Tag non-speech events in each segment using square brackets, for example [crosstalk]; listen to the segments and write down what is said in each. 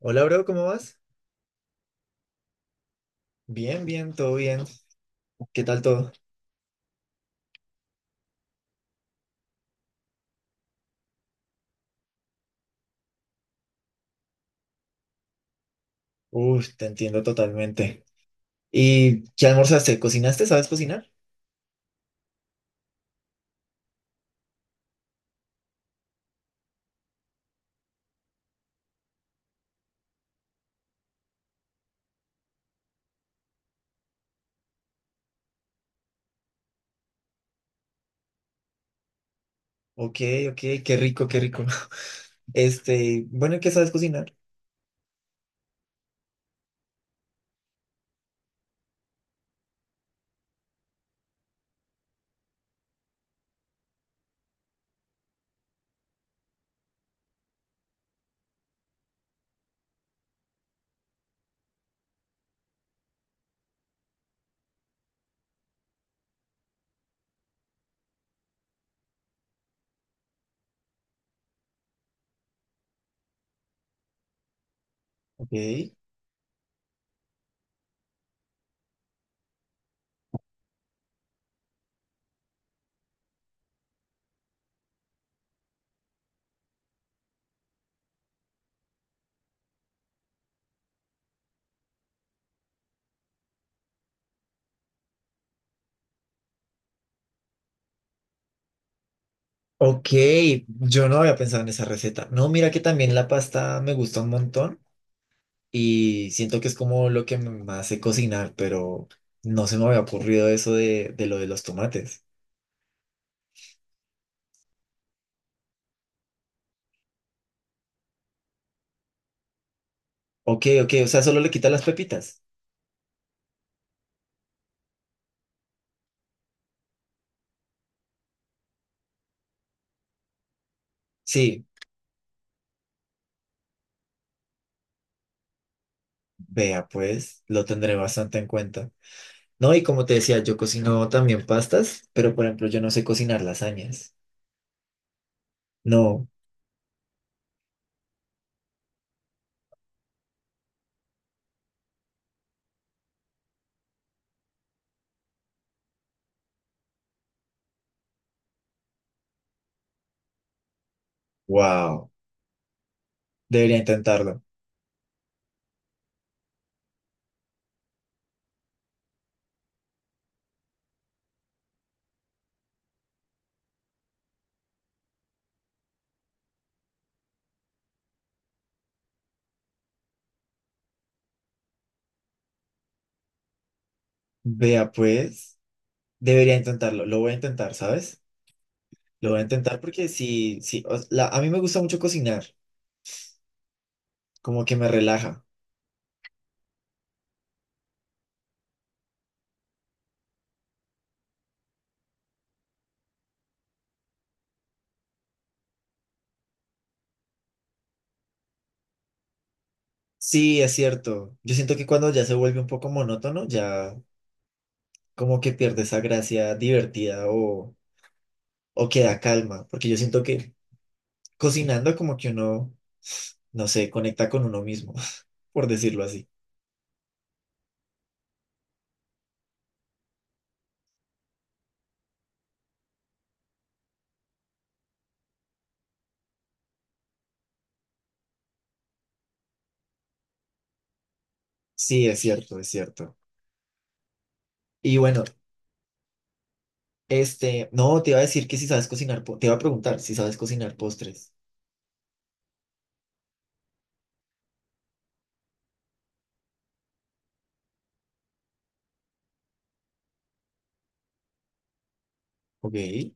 Hola, bro, ¿cómo vas? Bien, bien, todo bien. ¿Qué tal todo? Uf, te entiendo totalmente. ¿Y qué almorzaste? ¿Cocinaste? ¿Sabes cocinar? Ok, ok, qué rico, qué rico. [laughs] Este, bueno, ¿qué sabes cocinar? Ok. Ok, yo no había pensado en esa receta. No, mira que también la pasta me gusta un montón y siento que es como lo que me hace cocinar, pero no se me había ocurrido eso de lo de los tomates. Ok, ok, o sea, solo le quita las pepitas. Sí. Vea, pues, lo tendré bastante en cuenta. No, y como te decía, yo cocino también pastas, pero por ejemplo, yo no sé cocinar lasañas. No, wow, debería intentarlo. Vea, pues, debería intentarlo. Lo voy a intentar, ¿sabes? Lo voy a intentar porque sí, sí, o- la- a mí me gusta mucho cocinar, como que me relaja. Sí, es cierto. Yo siento que cuando ya se vuelve un poco monótono, ya como que pierde esa gracia divertida o queda calma, porque yo siento que cocinando como que uno no sé, conecta con uno mismo, [laughs] por decirlo así. Sí, es cierto, es cierto. Y bueno, este, no, te iba a decir que si sabes cocinar, po- te iba a preguntar si sabes cocinar postres. Ok.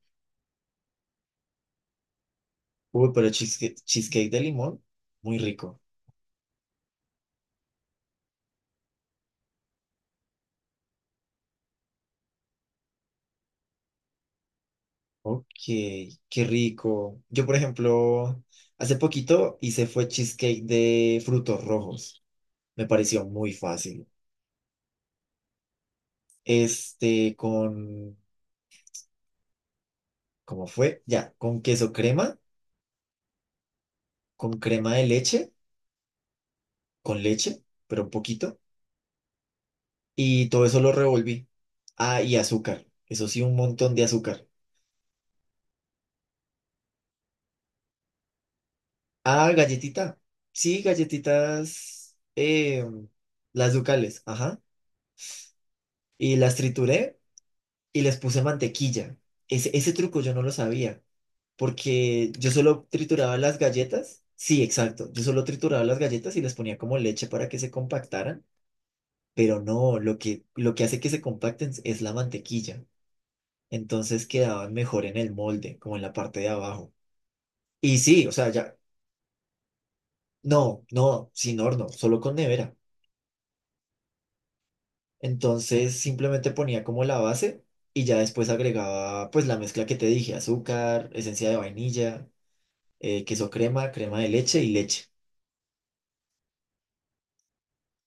Uy, pero cheesecake, cheesecake de limón, muy rico. Ok, qué rico. Yo, por ejemplo, hace poquito hice fue cheesecake de frutos rojos. Me pareció muy fácil. Este, con, ¿cómo fue? Ya, con queso crema, con crema de leche, con leche, pero un poquito y todo eso lo revolví. Ah, y azúcar, eso sí, un montón de azúcar. Ah, galletita, sí, galletitas, las ducales, ajá. Y las trituré y les puse mantequilla. Ese truco yo no lo sabía, porque yo solo trituraba las galletas. Sí, exacto. Yo solo trituraba las galletas y les ponía como leche para que se compactaran, pero no, lo que hace que se compacten es la mantequilla. Entonces quedaban mejor en el molde, como en la parte de abajo. Y sí, o sea, ya, no, no, sin horno, solo con nevera. Entonces simplemente ponía como la base y ya después agregaba pues la mezcla que te dije, azúcar, esencia de vainilla, queso crema, crema de leche y leche.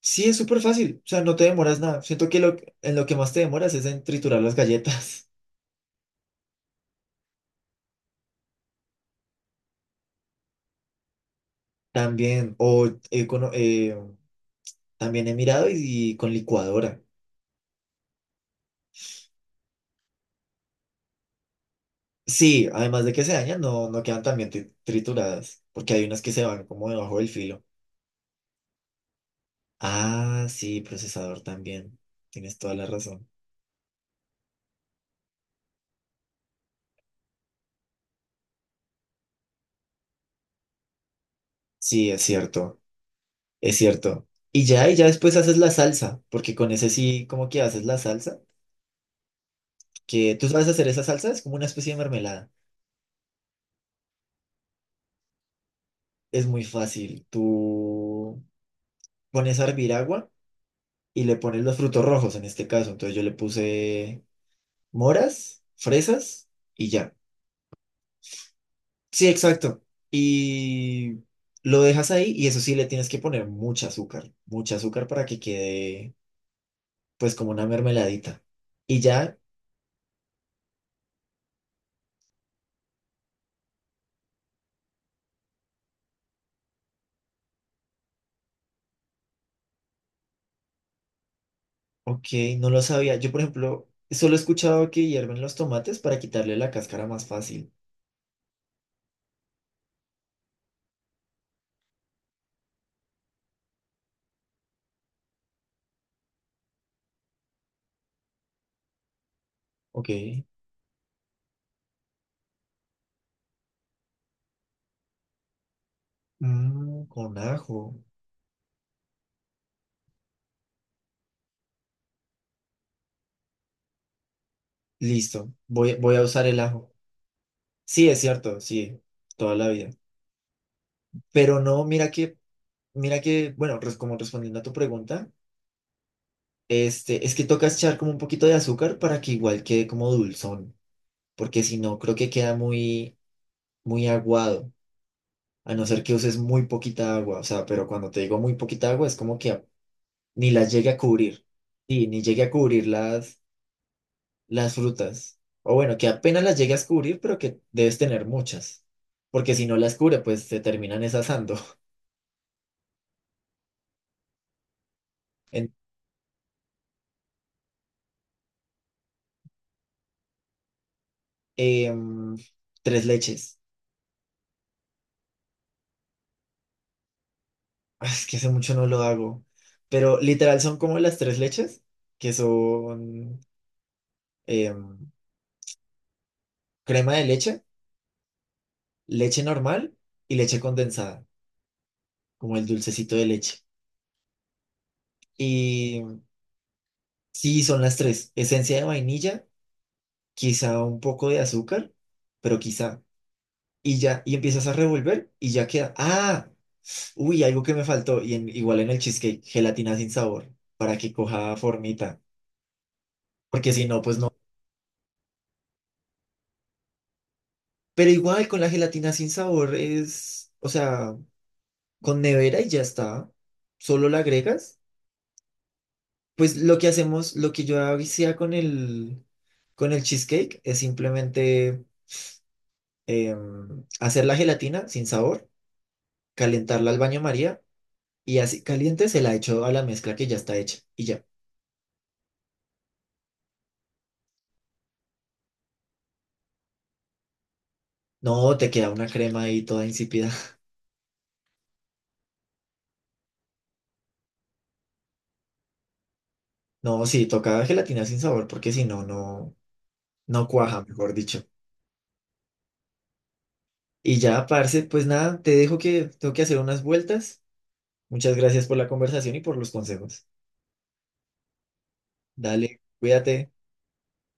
Sí, es súper fácil, o sea, no te demoras nada. Siento que lo, en lo que más te demoras es en triturar las galletas. [laughs] También, o he cono- también he mirado y con licuadora. Sí, además de que se dañan, no, no quedan tan bien tri- trituradas, porque hay unas que se van como debajo del filo. Ah, sí, procesador también. Tienes toda la razón. Sí, es cierto, es cierto. Y ya después haces la salsa, porque con ese sí, como que haces la salsa, que tú sabes hacer esa salsa, es como una especie de mermelada. Es muy fácil. Tú pones a hervir agua y le pones los frutos rojos en este caso. Entonces yo le puse moras, fresas y ya. Sí, exacto. Y lo dejas ahí y eso sí le tienes que poner mucha azúcar para que quede pues como una mermeladita. Y ya, ok, no lo sabía. Yo, por ejemplo, solo he escuchado que hierven los tomates para quitarle la cáscara más fácil. Ok, mm, con ajo. Listo, voy, voy a usar el ajo. Sí, es cierto, sí, toda la vida. Pero no, mira que, bueno, res- como respondiendo a tu pregunta, este, es que toca echar como un poquito de azúcar para que igual quede como dulzón, porque si no, creo que queda muy, muy aguado. A no ser que uses muy poquita agua, o sea, pero cuando te digo muy poquita agua es como que a- ni las llegue a cubrir, sí, ni llegue a cubrir las frutas, o bueno, que apenas las llegue a cubrir, pero que debes tener muchas, porque si no las cubre, pues se terminan es asando. [laughs] En- em, tres leches. Ah, es que hace mucho no lo hago, pero literal son como las tres leches, que son em, crema de leche, leche normal y leche condensada, como el dulcecito de leche. Y sí, son las tres. Esencia de vainilla, quizá un poco de azúcar, pero quizá. Y ya, y empiezas a revolver y ya queda. Ah, uy, algo que me faltó. Y en- igual en el cheesecake, gelatina sin sabor, para que coja formita. Porque si no, pues no. Pero igual con la gelatina sin sabor es, o sea, con nevera y ya está. Solo la agregas. Pues lo que hacemos, lo que yo hacía con el cheesecake es simplemente hacer la gelatina sin sabor, calentarla al baño María y así caliente se la echo a la mezcla que ya está hecha y ya. No, te queda una crema ahí toda insípida. [laughs] No, sí, toca gelatina sin sabor porque si no, no, no cuaja, mejor dicho. Y ya, parce, pues nada, te dejo que tengo que hacer unas vueltas. Muchas gracias por la conversación y por los consejos. Dale, cuídate.